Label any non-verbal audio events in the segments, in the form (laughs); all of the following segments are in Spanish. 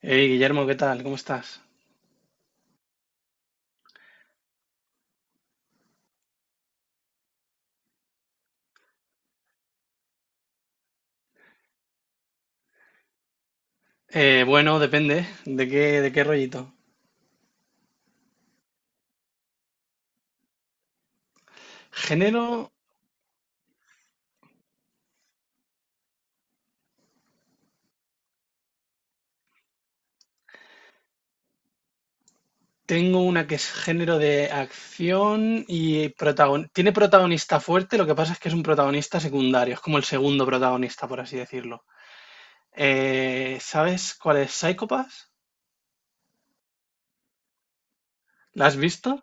Hey, Guillermo, ¿qué tal? ¿Cómo estás? Bueno, depende de qué rollito. Género, tengo una que es género de acción y tiene protagonista fuerte, lo que pasa es que es un protagonista secundario, es como el segundo protagonista, por así decirlo. ¿Sabes cuál es Psychopass? ¿La has visto?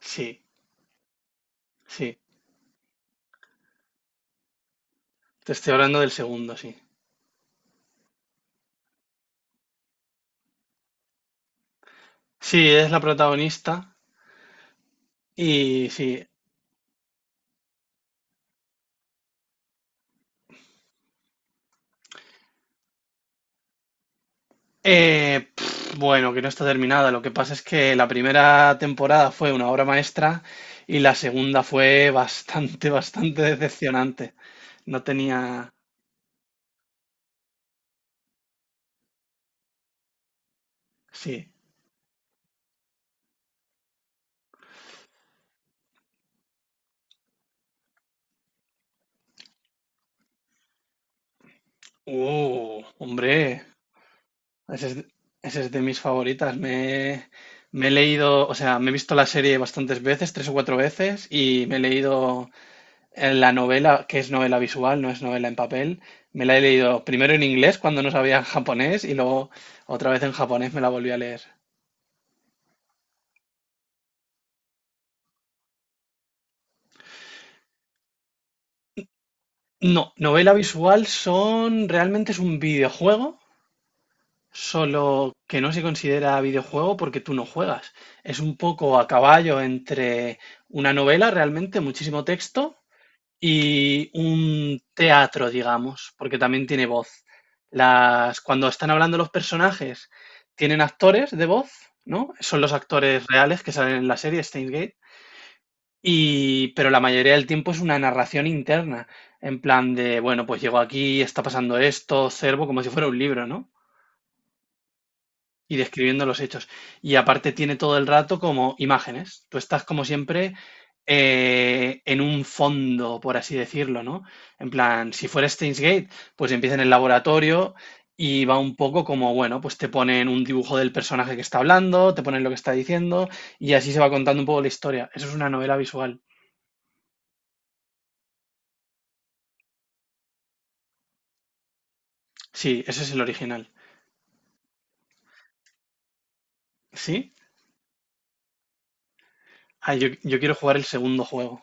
Sí, sí. Te estoy hablando del segundo, sí. Sí, es la protagonista y sí. Bueno, que no está terminada. Lo que pasa es que la primera temporada fue una obra maestra y la segunda fue bastante, (laughs) bastante decepcionante. No tenía... Sí. Hombre, ese es, de ese es de mis favoritas. Me he leído, o sea, me he visto la serie bastantes veces, tres o cuatro veces, y me he leído la novela, que es novela visual, no es novela en papel. Me la he leído primero en inglés cuando no sabía japonés y luego otra vez en japonés me la volví a leer. No, novela visual son, realmente es un videojuego, solo que no se considera videojuego porque tú no juegas. Es un poco a caballo entre una novela, realmente, muchísimo texto, y un teatro, digamos, porque también tiene voz. Las, cuando están hablando los personajes, tienen actores de voz, ¿no? Son los actores reales que salen en la serie Steins Gate y, pero la mayoría del tiempo es una narración interna, en plan de, bueno, pues llego aquí, está pasando esto, observo como si fuera un libro, ¿no? Y describiendo los hechos. Y aparte tiene todo el rato como imágenes. Tú estás como siempre en un fondo, por así decirlo, ¿no? En plan, si fuera Steins Gate, pues empieza en el laboratorio y va un poco como, bueno, pues te ponen un dibujo del personaje que está hablando, te ponen lo que está diciendo y así se va contando un poco la historia. Eso es una novela visual. Sí, ese es el original. ¿Sí? Ah, yo quiero jugar el segundo juego,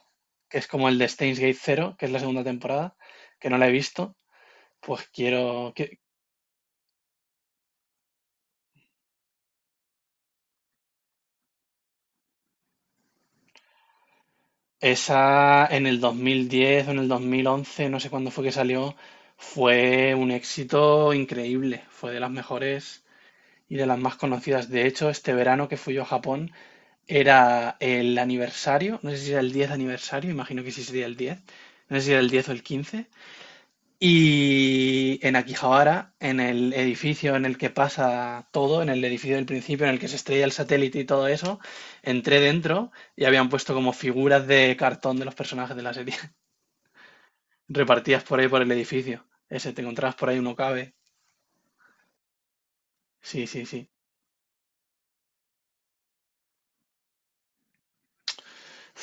que es como el de Steins Gate 0, que es la segunda temporada, que no la he visto. Pues quiero que esa en el 2010 o en el 2011, no sé cuándo fue que salió, fue un éxito increíble, fue de las mejores y de las más conocidas. De hecho, este verano que fui yo a Japón era el aniversario, no sé si era el 10 aniversario, imagino que sí sería el 10, no sé si era el 10 o el 15. Y en Akihabara, en el edificio en el que pasa todo, en el edificio del principio, en el que se estrella el satélite y todo eso, entré dentro y habían puesto como figuras de cartón de los personajes de la serie, (laughs) repartidas por ahí por el edificio. Ese, te encontrabas por ahí uno cabe. Sí, sí, sí.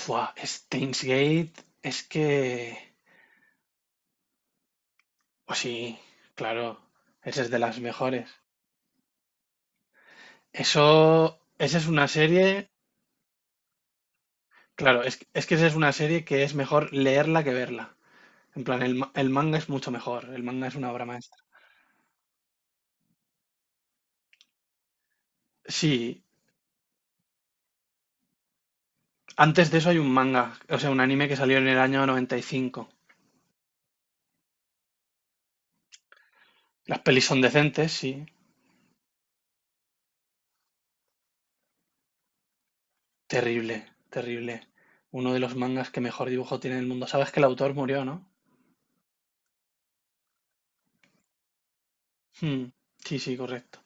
Fua, Steins Gate, es que... Pues sí, claro, esa es de las mejores. Eso, esa es una serie, claro, es que esa es una serie que es mejor leerla que verla. En plan, el manga es mucho mejor, el manga es una obra maestra. Sí, antes de eso hay un manga, o sea, un anime que salió en el año noventa y cinco. Las pelis son decentes, sí. Terrible, terrible. Uno de los mangas que mejor dibujo tiene en el mundo. Sabes que el autor murió, ¿no? Hmm, Sí, sí, correcto.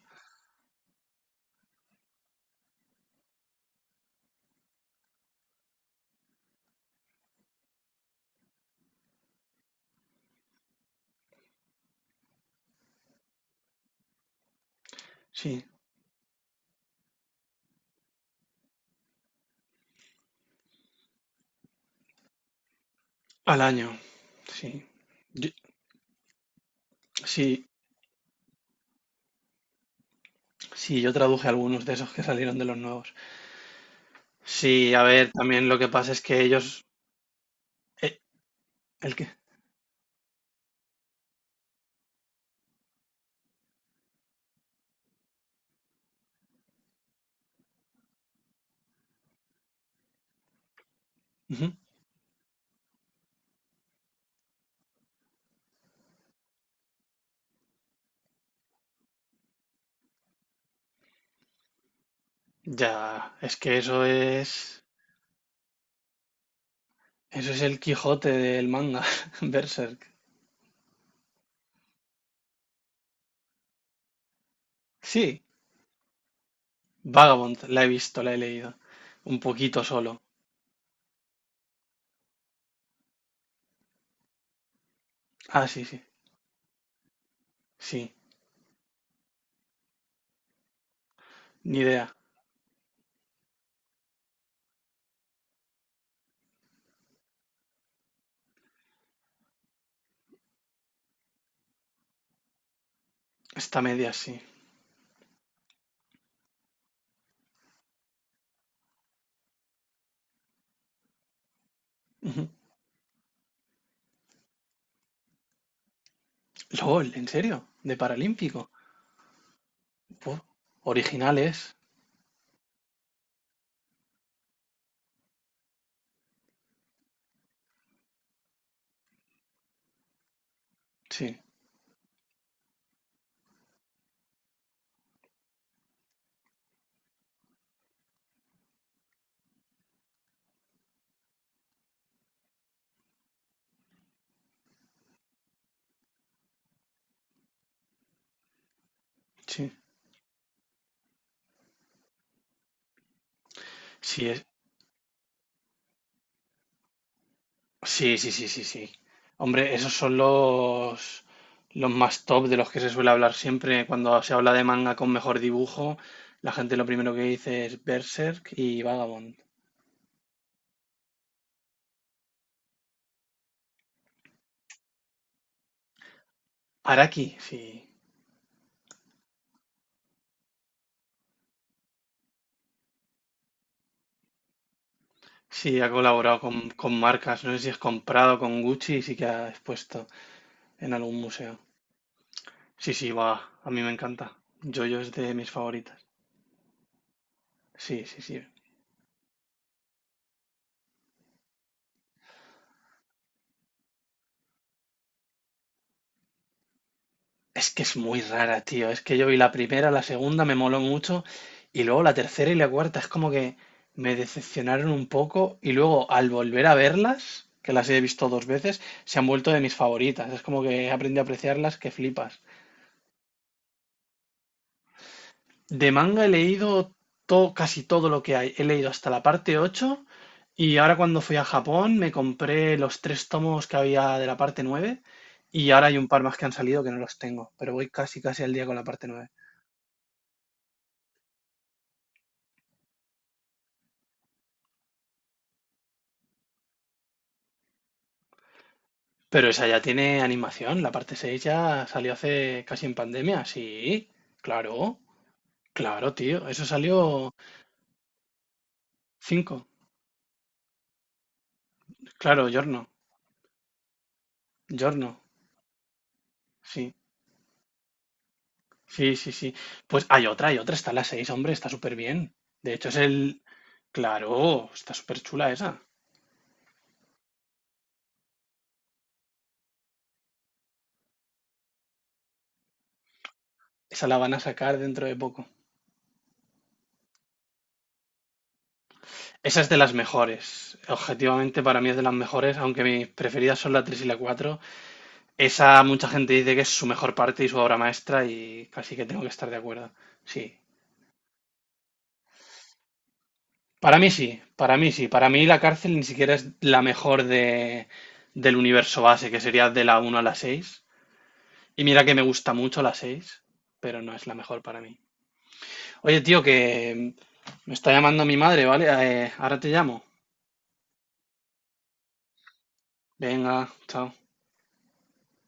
Sí, al año. Sí. Yo- sí, sí, yo traduje algunos de esos que salieron de los nuevos. Sí, a ver, también lo que pasa es que ellos... eh, ¿El qué? Ujú. Ya, es que eso es... Eso es el Quijote del manga, (laughs) Berserk. Sí, Vagabond, la he visto, la he leído. Un poquito solo. Ah, sí, sí, sí, ni idea. Está media, sí. Ujú. LOL, ¿en serio? ¿De Paralímpico? Buah, originales, sí, sí. Sí, es... sí, sí, sí, sí, sí. Hombre, esos son los más top de los que se suele hablar siempre. Cuando se habla de manga con mejor dibujo, la gente lo primero que dice es Berserk y Vagabond. Araki, sí. Sí, ha colaborado con marcas, no sé si has comprado con Gucci y sí que ha expuesto en algún museo. Sí, sí, va, a mí me encanta. Jojo es de mis favoritas. Sí, sí, sí. Es que es muy rara, tío. Es que yo vi la primera, la segunda me moló mucho y luego la tercera y la cuarta es como que me decepcionaron un poco y luego al volver a verlas, que las he visto dos veces, se han vuelto de mis favoritas. Es como que aprendí a apreciarlas que flipas. De manga he leído todo, casi todo lo que hay. He leído hasta la parte 8 y ahora cuando fui a Japón me compré los tres tomos que había de la parte 9 y ahora hay un par más que han salido que no los tengo, pero voy casi casi al día con la parte nueve. Pero esa ya tiene animación, la parte 6 ya salió hace casi en pandemia, sí, claro, claro, tío, eso salió 5, claro, Giorno, Giorno, sí, sí, sí, sí. Pues hay otra, está la 6, hombre, está súper bien. De hecho, es el, claro, está súper chula esa. Esa la van a sacar dentro de poco. Esa es de las mejores. Objetivamente para mí es de las mejores, aunque mis preferidas son la 3 y la 4. Esa mucha gente dice que es su mejor parte y su obra maestra y casi que tengo que estar de acuerdo. Sí. Para mí sí, para mí sí. Para mí la cárcel ni siquiera es la mejor de, del universo base, que sería de la uno a la 6. Y mira que me gusta mucho la 6, pero no es la mejor para mí. Oye, tío, que me está llamando mi madre, ¿vale? Ahora te llamo. Venga, chao.